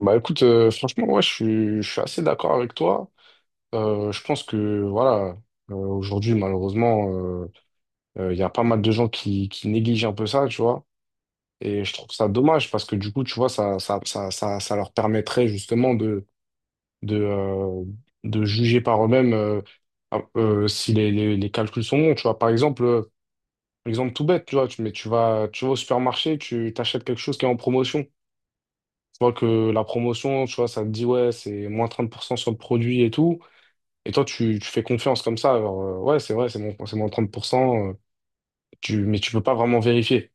Bah écoute, franchement, ouais, je suis assez d'accord avec toi. Je pense que voilà, aujourd'hui, malheureusement, euh, il y a pas mal de gens qui négligent un peu ça, tu vois. Et je trouve ça dommage parce que du coup, tu vois, ça leur permettrait justement de, euh, de juger par eux-mêmes si les calculs sont bons. Tu vois, par exemple, exemple tout bête, tu vois, tu vas au supermarché, tu t'achètes quelque chose qui est en promotion. Tu vois que la promotion, tu vois, ça te dit, ouais, c'est moins 30% sur le produit et tout. Et toi, tu fais confiance comme ça. Alors, ouais, c'est vrai, c'est moins 30%. Mais tu peux pas vraiment vérifier.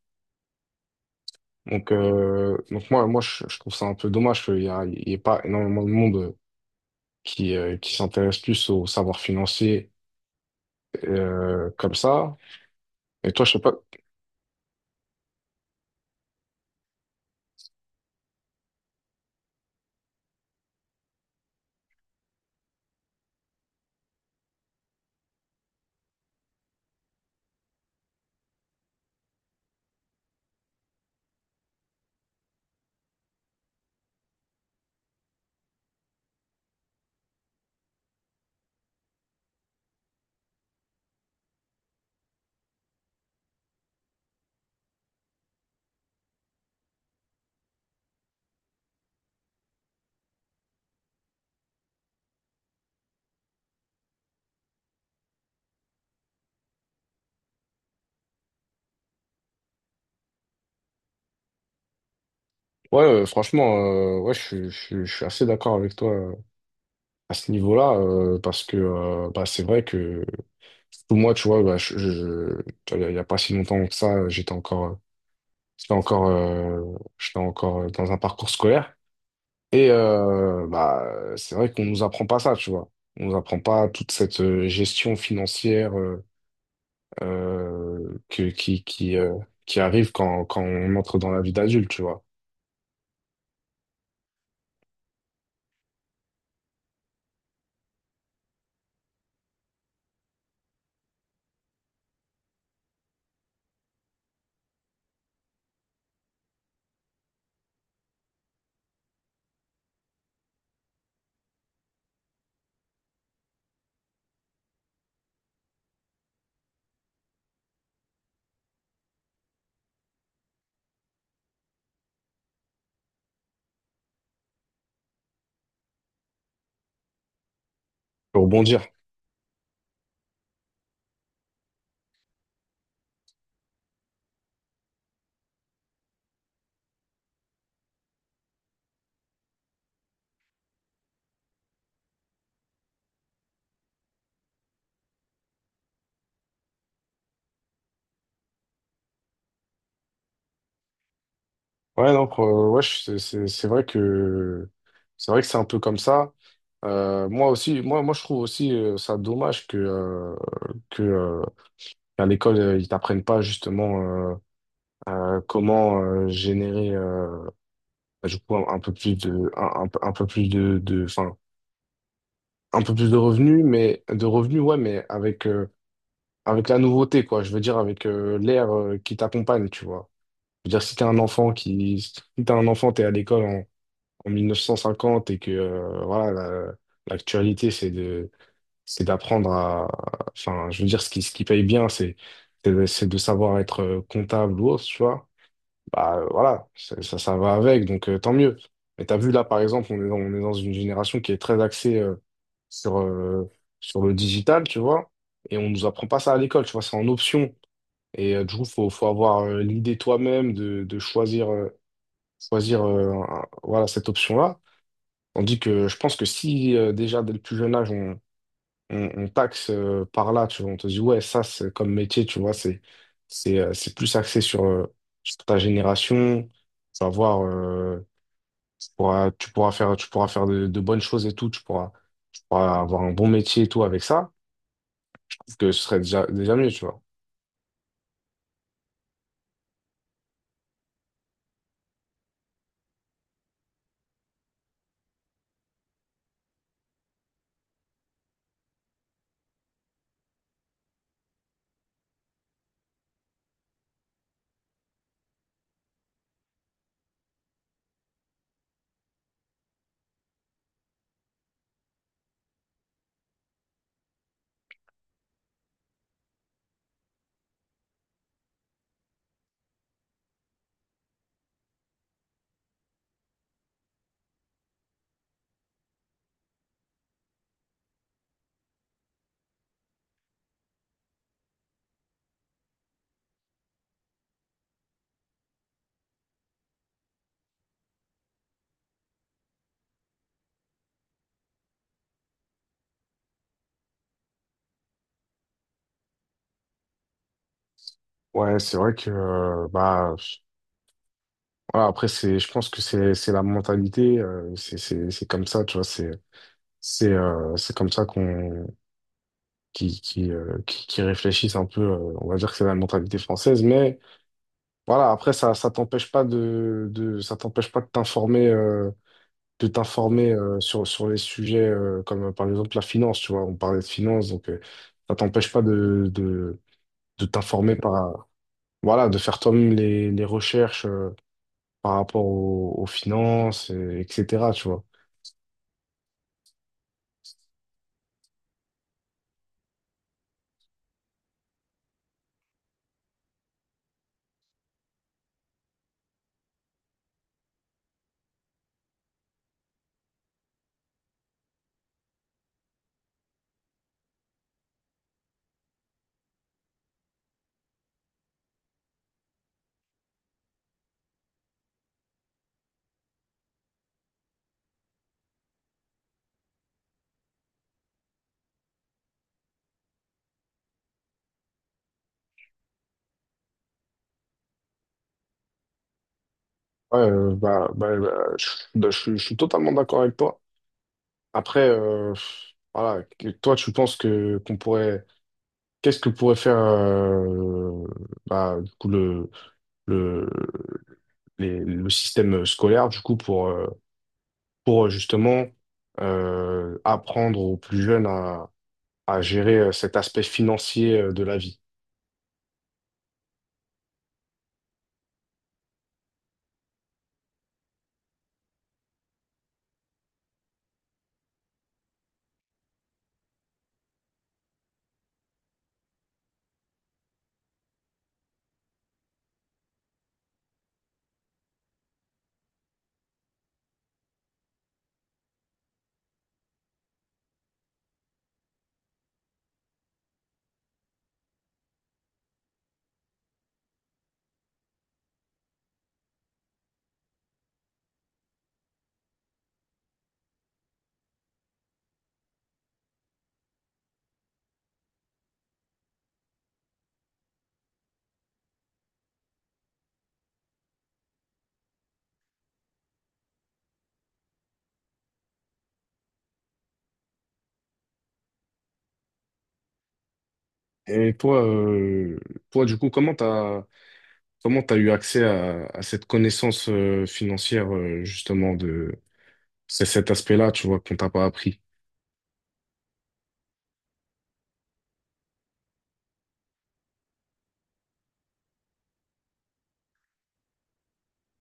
Donc moi, je trouve ça un peu dommage il y ait pas énormément de monde qui s'intéresse plus au savoir financier comme ça. Et toi, je sais pas. Ouais, franchement, ouais, je suis assez d'accord avec toi à ce niveau-là, parce que bah, c'est vrai que pour moi, tu vois, bah, tu vois, il n'y a, pas si longtemps que ça, j'étais encore, euh, j'étais encore dans un parcours scolaire. Et bah, c'est vrai qu'on nous apprend pas ça, tu vois. On nous apprend pas toute cette gestion financière euh, que, qui, qui, euh, qui arrive quand on entre dans la vie d'adulte, tu vois. Pour rebondir. Ouais, non, c'est vrai que c'est vrai que c'est un peu comme ça. Moi aussi, moi je trouve aussi ça dommage que à l'école, ils t'apprennent pas justement euh, comment générer du coup un peu plus de un peu plus de enfin un peu plus de revenus, mais de revenus ouais, mais avec avec la nouveauté quoi. Je veux dire avec l'air qui t'accompagne, tu vois. Je veux dire si t'es un enfant qui si t'es un enfant, t'es à l'école en, en 1950 et que voilà l'actualité c'est d'apprendre à... Enfin, je veux dire, ce qui paye bien, c'est de savoir être comptable ou autre, tu vois. Bah voilà, ça va avec, donc tant mieux. Mais t'as vu, là, par exemple, on est dans une génération qui est très axée sur, euh, sur le digital, tu vois. Et on nous apprend pas ça à l'école, tu vois, c'est en option. Et du coup, faut avoir l'idée toi-même de choisir, choisir voilà, cette option-là. Tandis que je pense que si déjà dès le plus jeune âge, on taxe par là, tu vois. On te dit, ouais, ça, c'est comme métier, tu vois, c'est plus axé sur, sur ta génération. Tu vas voir, tu pourras faire de bonnes choses et tout, tu pourras avoir un bon métier et tout avec ça, parce que ce serait déjà mieux, tu vois. Ouais, c'est vrai que, bah, voilà, après, c'est, je pense que c'est la mentalité, c'est comme ça, tu vois, c'est comme ça qu'on, qui réfléchissent un peu, on va dire que c'est la mentalité française, mais, voilà, après, ça t'empêche pas de t'informer, de t'informer sur les sujets comme par exemple la finance, tu vois, on parlait de finance, donc ça t'empêche pas de t'informer voilà, de faire toi-même les recherches par rapport aux, aux finances, etc., tu vois. Ouais, je, je suis totalement d'accord avec toi. Après, voilà, que- toi, tu penses que qu'on pourrait, qu'est-ce que pourrait faire bah, du coup, le, le système scolaire, du coup, pour justement apprendre aux plus jeunes à gérer cet aspect financier de la vie. Et toi, du coup, comment t'as eu accès à cette connaissance financière, justement, de c'est cet aspect-là, tu vois, qu'on t'a pas appris.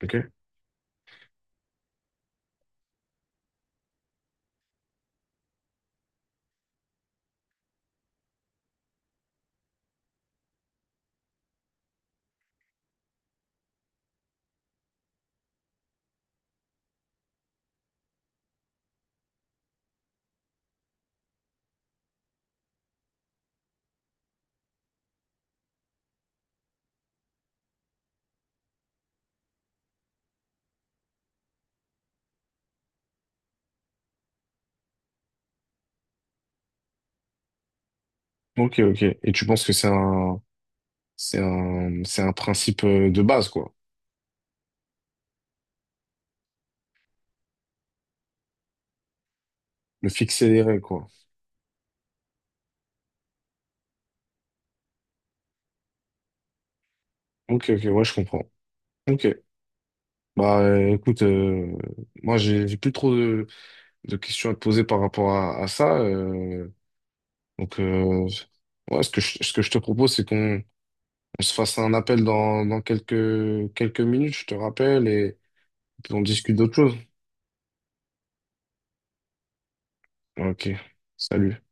Ok? Ok, ok. Et tu penses que c'est un, c'est un principe de base, quoi. Le fixer les règles, quoi. Ok, ok, ouais, je comprends. Ok. Bah écoute, moi j'ai plus trop de questions à te poser par rapport à ça. Donc euh, ouais, ce que je te propose, c'est qu'on on se fasse un appel dans, dans quelques minutes, je te rappelle, et puis on discute d'autre chose. Ok, salut.